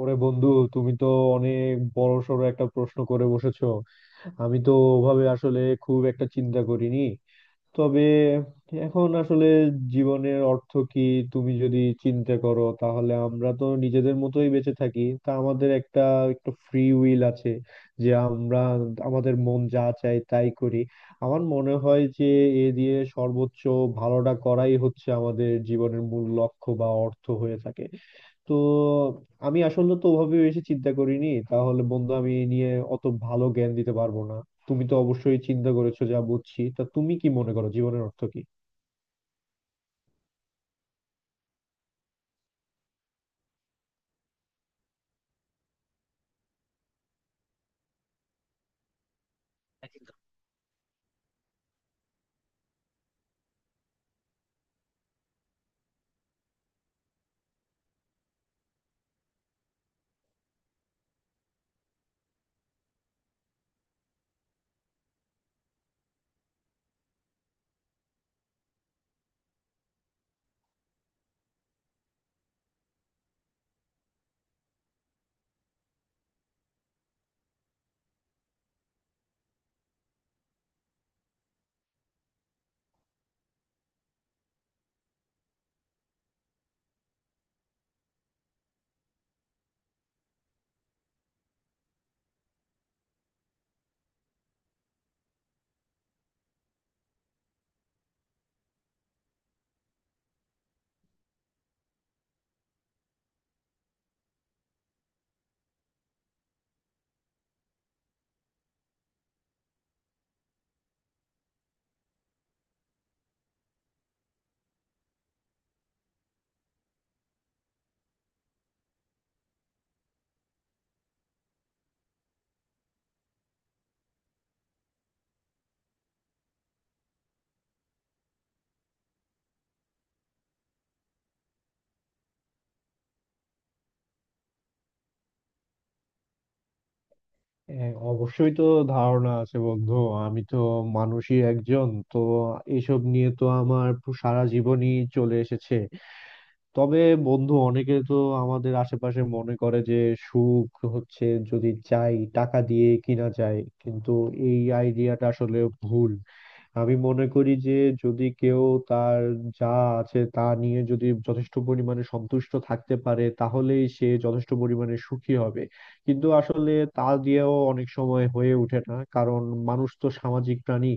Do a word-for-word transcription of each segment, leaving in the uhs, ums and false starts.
ওরে বন্ধু, তুমি তো অনেক বড় সড় একটা প্রশ্ন করে বসেছো। আমি তো ওভাবে আসলে খুব একটা চিন্তা করিনি, তবে এখন আসলে জীবনের অর্থ কি তুমি যদি চিন্তা করো, তাহলে আমরা তো নিজেদের মতোই বেঁচে থাকি। তা আমাদের একটা একটা ফ্রি উইল আছে যে আমরা আমাদের মন যা চায় তাই করি। আমার মনে হয় যে এ দিয়ে সর্বোচ্চ ভালোটা করাই হচ্ছে আমাদের জীবনের মূল লক্ষ্য বা অর্থ হয়ে থাকে। তো আমি আসলে তো ওভাবে বেশি চিন্তা করিনি, তাহলে বন্ধু আমি এই নিয়ে অত ভালো জ্ঞান দিতে পারবো না। তুমি তো অবশ্যই চিন্তা করেছো যা বুঝছি, তা তুমি কি মনে করো জীবনের অর্থ কি? হ্যাঁ, অবশ্যই তো ধারণা আছে বন্ধু। আমি তো মানুষই একজন, তো এসব নিয়ে তো আমার পু- সারা জীবনই চলে এসেছে। তবে বন্ধু, অনেকে তো আমাদের আশেপাশে মনে করে যে সুখ হচ্ছে যদি চাই টাকা দিয়ে কিনা যায়, কিন্তু এই আইডিয়াটা আসলে ভুল। আমি মনে করি যে যদি কেউ তার যা আছে তা নিয়ে যদি যথেষ্ট পরিমাণে সন্তুষ্ট থাকতে পারে, তাহলেই সে যথেষ্ট পরিমাণে সুখী হবে। কিন্তু আসলে তা দিয়েও অনেক সময় হয়ে ওঠে না, কারণ মানুষ তো সামাজিক প্রাণী।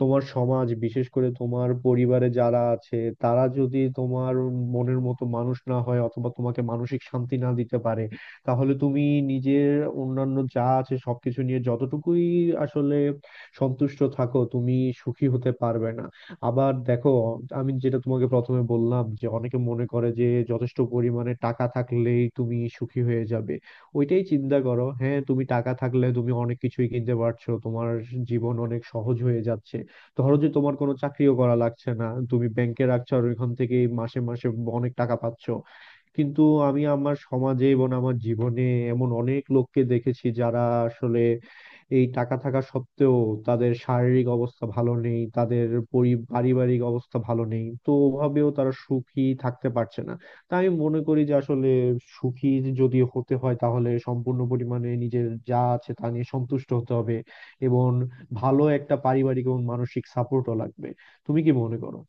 তোমার সমাজ, বিশেষ করে তোমার পরিবারে যারা আছে, তারা যদি তোমার মনের মতো মানুষ না হয় অথবা তোমাকে মানসিক শান্তি না দিতে পারে, তাহলে তুমি নিজের অন্যান্য যা আছে সবকিছু নিয়ে যতটুকুই আসলে সন্তুষ্ট থাকো, তুমি সুখী হতে পারবে না। আবার দেখো, আমি যেটা তোমাকে প্রথমে বললাম যে অনেকে মনে করে যে যথেষ্ট পরিমাণে টাকা থাকলেই তুমি সুখী হয়ে যাবে। ওইটাই চিন্তা করো, হ্যাঁ তুমি টাকা থাকলে তুমি অনেক কিছুই কিনতে পারছো, তোমার জীবন অনেক সহজ হয়ে যাচ্ছে। ধরো যে তোমার কোনো চাকরিও করা লাগছে না, তুমি ব্যাংকে রাখছো আর ওইখান থেকে মাসে মাসে অনেক টাকা পাচ্ছো। কিন্তু আমি আমার সমাজে এবং আমার জীবনে এমন অনেক লোককে দেখেছি যারা আসলে এই টাকা থাকা সত্ত্বেও তাদের শারীরিক অবস্থা ভালো নেই, তাদের পরি- পারিবারিক অবস্থা ভালো নেই, তো ওভাবেও তারা সুখী থাকতে পারছে না। তাই আমি মনে করি যে আসলে সুখী যদি হতে হয়, তাহলে সম্পূর্ণ পরিমাণে নিজের যা আছে তা নিয়ে সন্তুষ্ট হতে হবে এবং ভালো একটা পারিবারিক এবং মানসিক সাপোর্টও লাগবে। তুমি কি মনে করো?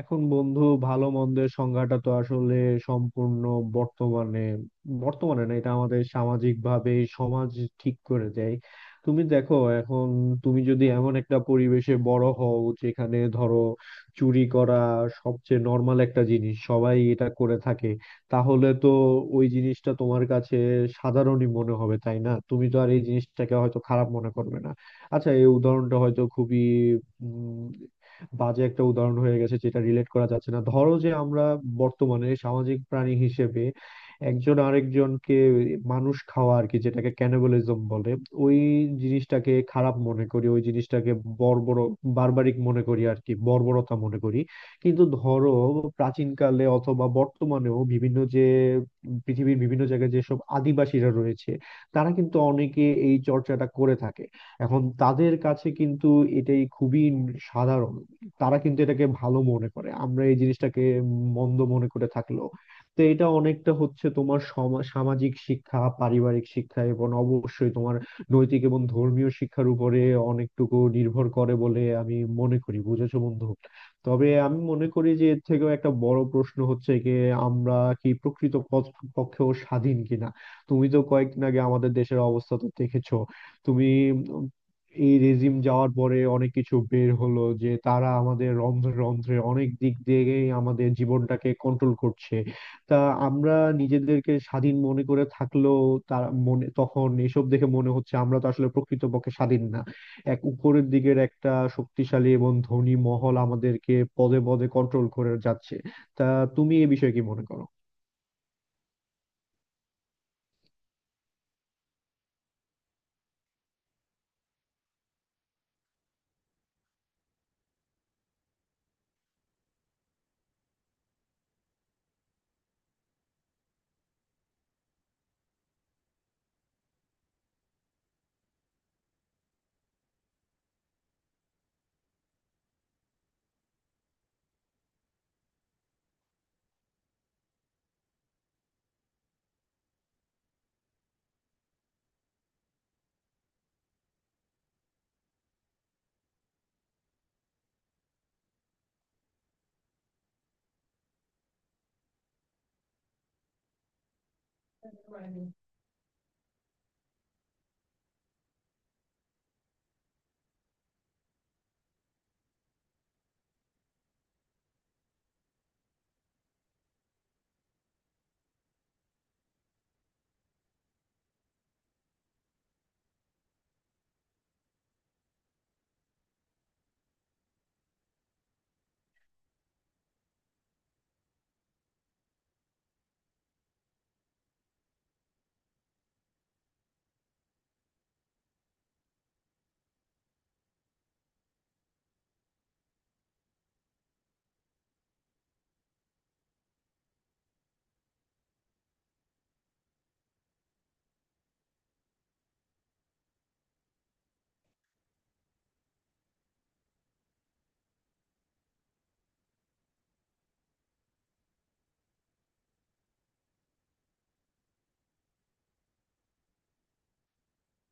এখন বন্ধু, ভালো মন্দের সংজ্ঞাটা তো আসলে সম্পূর্ণ বর্তমানে বর্তমানে না এটা আমাদের সামাজিক ভাবে সমাজ ঠিক করে দেয়। তুমি দেখো এখন, তুমি যদি এমন একটা পরিবেশে বড় হও যেখানে ধরো চুরি করা সবচেয়ে নর্মাল একটা জিনিস, সবাই এটা করে থাকে, তাহলে তো ওই জিনিসটা তোমার কাছে সাধারণই মনে হবে, তাই না? তুমি তো আর এই জিনিসটাকে হয়তো খারাপ মনে করবে না। আচ্ছা, এই উদাহরণটা হয়তো খুবই বাজে একটা উদাহরণ হয়ে গেছে যেটা রিলেট করা যাচ্ছে না। ধরো যে আমরা বর্তমানে সামাজিক প্রাণী হিসেবে একজন আরেকজনকে মানুষ খাওয়া আর কি, যেটাকে ক্যানিবালিজম বলে, ওই জিনিসটাকে খারাপ মনে করি, ওই জিনিসটাকে বর্বর বারবারিক মনে করি আর কি, বর্বরতা মনে করি। কিন্তু ধরো প্রাচীনকালে অথবা বর্তমানেও বিভিন্ন যে পৃথিবীর বিভিন্ন জায়গায় যেসব আদিবাসীরা রয়েছে তারা কিন্তু অনেকে এই চর্চাটা করে থাকে। এখন তাদের কাছে কিন্তু এটাই খুবই সাধারণ, তারা কিন্তু এটাকে ভালো মনে করে, আমরা এই জিনিসটাকে মন্দ মনে করে থাকলেও। তো এটা অনেকটা হচ্ছে তোমার সমা- সামাজিক শিক্ষা, পারিবারিক শিক্ষা এবং অবশ্যই তোমার নৈতিক এবং ধর্মীয় শিক্ষার উপরে অনেকটুকু নির্ভর করে বলে আমি মনে করি, বুঝেছো বন্ধু। তবে আমি মনে করি যে এর থেকেও একটা বড় প্রশ্ন হচ্ছে যে আমরা কি প্রকৃত পথ- পক্ষেও স্বাধীন কিনা। তুমি তো কয়েকদিন আগে আমাদের দেশের অবস্থা তো দেখেছো। তুমি, এই রেজিম যাওয়ার পরে অনেক কিছু বের হলো যে তারা আমাদের রন্ধ্রে রন্ধ্রে অনেক দিক দিয়েই আমাদের জীবনটাকে কন্ট্রোল করছে। তা আমরা নিজেদেরকে স্বাধীন মনে করে থাকলেও, তার মনে তখন এসব দেখে মনে হচ্ছে আমরা তো আসলে প্রকৃতপক্ষে স্বাধীন না। এক উপরের দিকের একটা শক্তিশালী এবং ধনী মহল আমাদেরকে পদে পদে কন্ট্রোল করে যাচ্ছে। তা তুমি এ বিষয়ে কি মনে করো?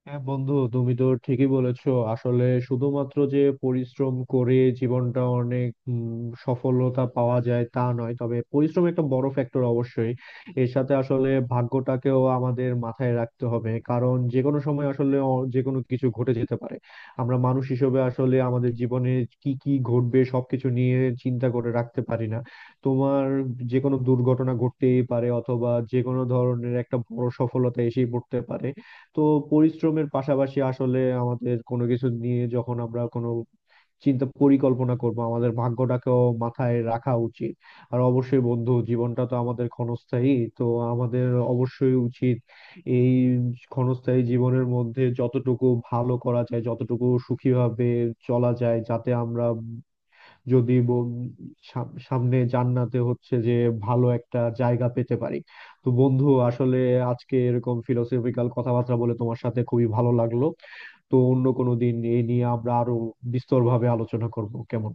হ্যাঁ বন্ধু, তুমি তো ঠিকই বলেছো। আসলে শুধুমাত্র যে পরিশ্রম করে জীবনটা অনেক উম, সফলতা পাওয়া যায় তা নয়, তবে পরিশ্রম একটা বড় ফ্যাক্টর অবশ্যই। এর সাথে আসলে ভাগ্যটাকেও আমাদের মাথায় রাখতে হবে, কারণ যে কোনো সময় আসলে অ- যে কোনো কিছু ঘটে যেতে পারে। আমরা মানুষ হিসেবে আসলে আমাদের জীবনে কি কি ঘটবে সবকিছু নিয়ে চিন্তা করে রাখতে পারি না। তোমার যে কোনো দুর্ঘটনা ঘটতেই পারে অথবা যে কোনো ধরনের একটা বড় সফলতা এসেই পড়তে পারে। তো পরিশ্রমের পাশাপাশি আসলে আমাদের কোনো কিছু নিয়ে যখন আমরা কোনো চিন্তা পরিকল্পনা করব, আমাদের ভাগ্যটাকেও মাথায় রাখা উচিত। আর অবশ্যই বন্ধু, জীবনটা তো আমাদের ক্ষণস্থায়ী, তো আমাদের অবশ্যই উচিত এই ক্ষণস্থায়ী জীবনের মধ্যে যতটুকু ভালো করা যায়, যতটুকু সুখীভাবে চলা যায়, যাতে আমরা যদি ব- সাম- সামনে জান্নাতে হচ্ছে যে ভালো একটা জায়গা পেতে পারি। তো বন্ধু আসলে আজকে এরকম ফিলোসফিক্যাল কথাবার্তা বলে তোমার সাথে খুবই ভালো লাগলো। তো অন্য কোনো দিন এই নিয়ে আমরা আরো বিস্তর ভাবে আলোচনা করব, কেমন?